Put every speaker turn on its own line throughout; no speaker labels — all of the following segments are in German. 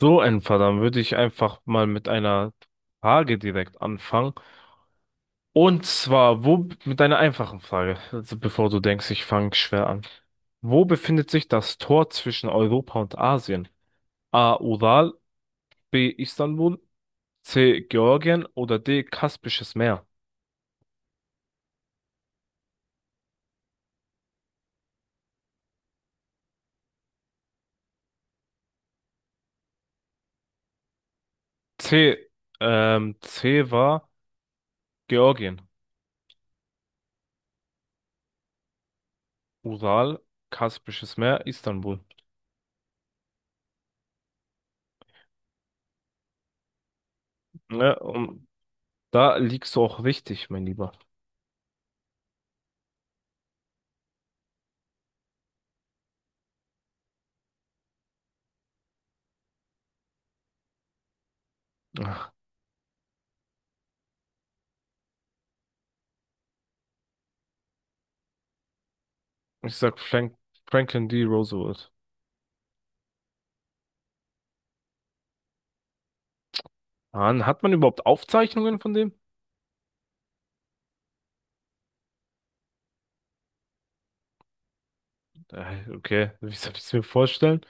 So ein Fall, dann würde ich einfach mal mit einer Frage direkt anfangen. Und zwar, mit einer einfachen Frage, also bevor du denkst, ich fange schwer an. Wo befindet sich das Tor zwischen Europa und Asien? A. Ural, B. Istanbul, C. Georgien oder D. Kaspisches Meer? C. C war Georgien. Ural, Kaspisches Meer, Istanbul. Ne, und da liegst du auch richtig, mein Lieber. Ich sag Franklin D. Roosevelt. Mann, hat man überhaupt Aufzeichnungen von dem? Okay, wie soll ich es mir vorstellen?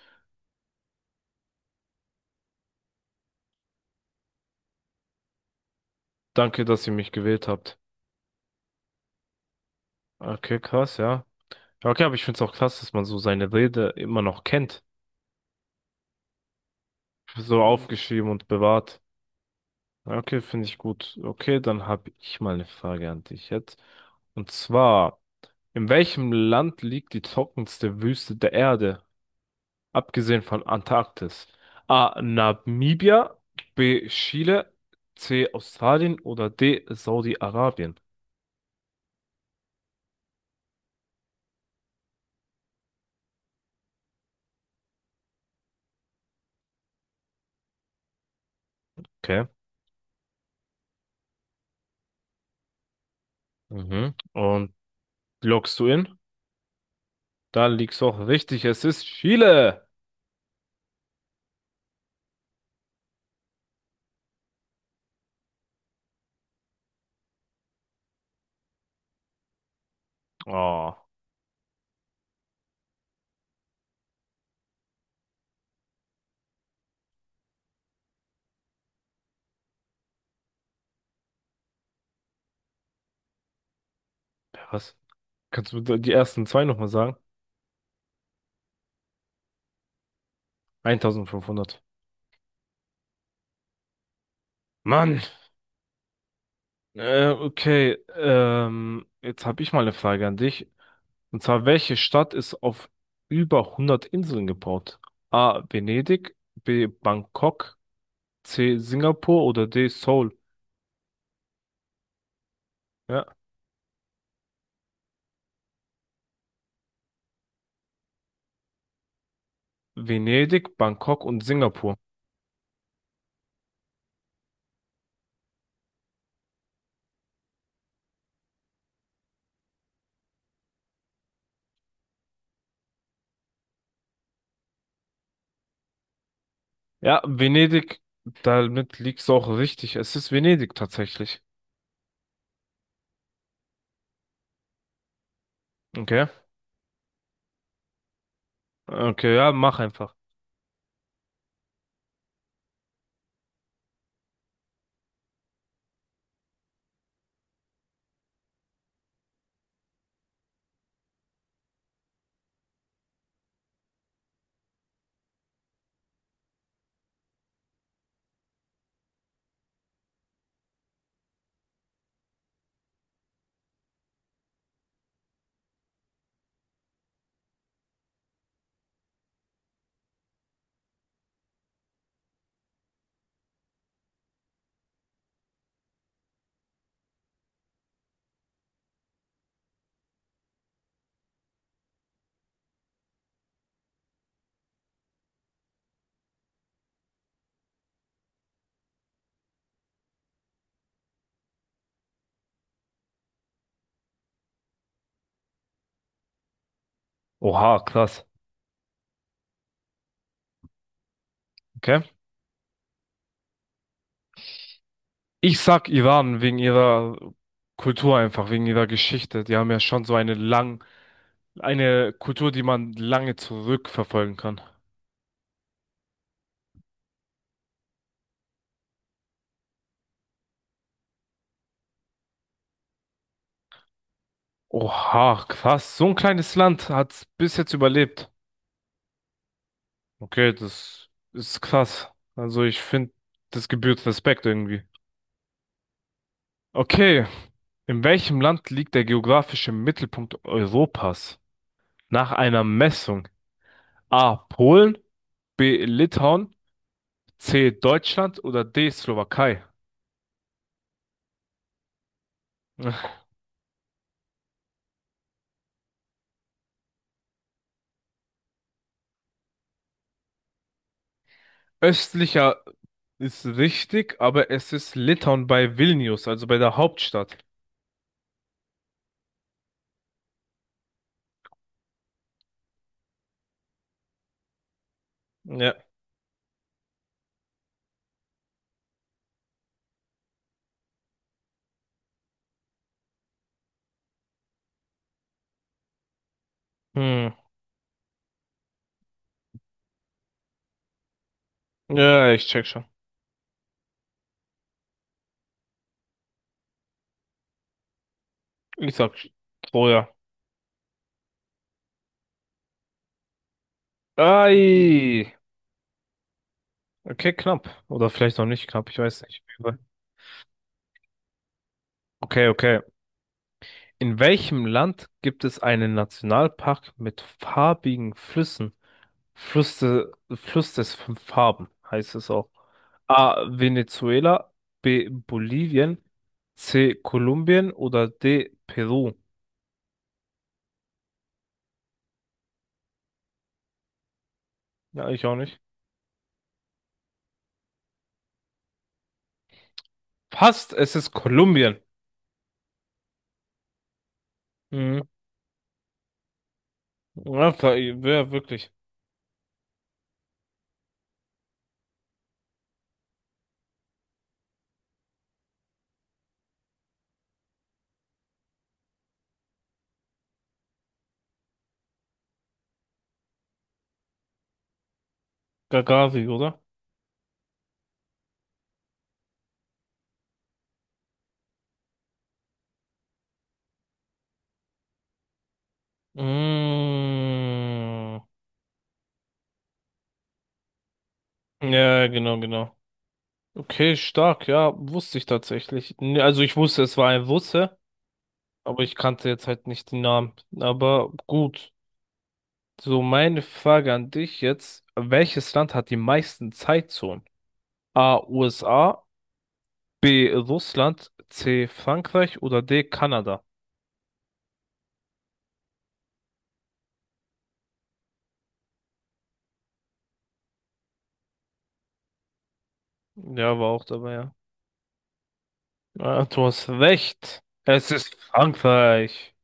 Danke, dass ihr mich gewählt habt. Okay, krass, ja. Ja, okay, aber ich find's auch krass, dass man so seine Rede immer noch kennt. So, mhm, aufgeschrieben und bewahrt. Ja, okay, finde ich gut. Okay, dann habe ich mal eine Frage an dich jetzt. Und zwar, in welchem Land liegt die trockenste Wüste der Erde? Abgesehen von Antarktis. A. Namibia. B. Chile. C. Australien oder D. Saudi-Arabien. Okay. Mhm. Und loggst du in? Da liegst du auch richtig. Es ist Chile. Oh, ja, was? Kannst du die ersten zwei nochmal sagen? 1500. Mann. Okay. Jetzt habe ich mal eine Frage an dich. Und zwar, welche Stadt ist auf über 100 Inseln gebaut? A. Venedig. B. Bangkok. C. Singapur oder D. Seoul. Ja. Venedig, Bangkok und Singapur. Ja, Venedig, damit liegt's auch richtig. Es ist Venedig tatsächlich. Okay. Okay, ja, mach einfach. Oha, krass. Okay. Ich sag Iran wegen ihrer Kultur einfach, wegen ihrer Geschichte. Die haben ja schon so eine lang, eine Kultur, die man lange zurückverfolgen kann. Oha, krass. So ein kleines Land hat's bis jetzt überlebt. Okay, das ist krass. Also ich finde, das gebührt Respekt irgendwie. Okay, in welchem Land liegt der geografische Mittelpunkt Europas? Nach einer Messung. A. Polen, B. Litauen, C. Deutschland oder D. Slowakei? Östlicher ist richtig, aber es ist Litauen bei Vilnius, also bei der Hauptstadt. Ja. Hm. Ja, ich check schon. Ich sag Troja. Ei. Okay, knapp. Oder vielleicht noch nicht knapp, ich weiß nicht. Okay, okay. In welchem Land gibt es einen Nationalpark mit farbigen Flüssen? Fluss des fünf Farben heißt es auch. A. Venezuela, B. Bolivien, C. Kolumbien oder D. Peru? Ja, ich auch nicht. Passt, es ist Kolumbien. Mhm. Ja, wäre wirklich. Gagavi, oder? Mhm. Ja, genau, genau. Okay, stark, ja, wusste ich tatsächlich. Nee, also ich wusste, es war ein Russe, aber ich kannte jetzt halt nicht den Namen. Aber gut. So, meine Frage an dich jetzt. Welches Land hat die meisten Zeitzonen? A. USA, B. Russland, C. Frankreich oder D. Kanada? Ja, war auch dabei, ja. Ah, du hast recht. Es ist Frankreich.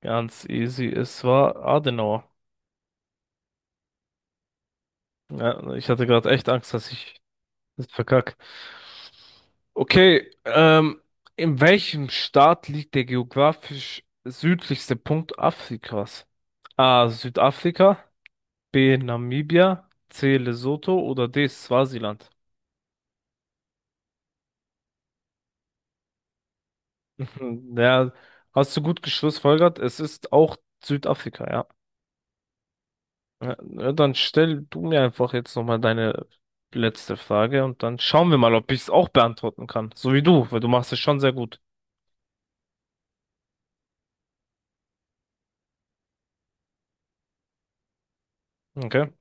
Ganz easy. Es war Adenauer. Ja, ich hatte gerade echt Angst, dass ich das ist verkackt. Okay, in welchem Staat liegt der geografisch südlichste Punkt Afrikas? A. Südafrika, B. Namibia, C. Lesotho oder D. Swasiland? Hm, ja, hast du gut geschlussfolgert? Es ist auch Südafrika, ja. Ja, na, dann stell du mir einfach jetzt nochmal deine letzte Frage und dann schauen wir mal, ob ich es auch beantworten kann. So wie du, weil du machst es schon sehr gut. Okay.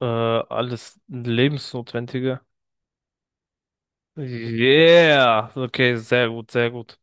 Alles Lebensnotwendige. Yeah. Okay, sehr gut, sehr gut.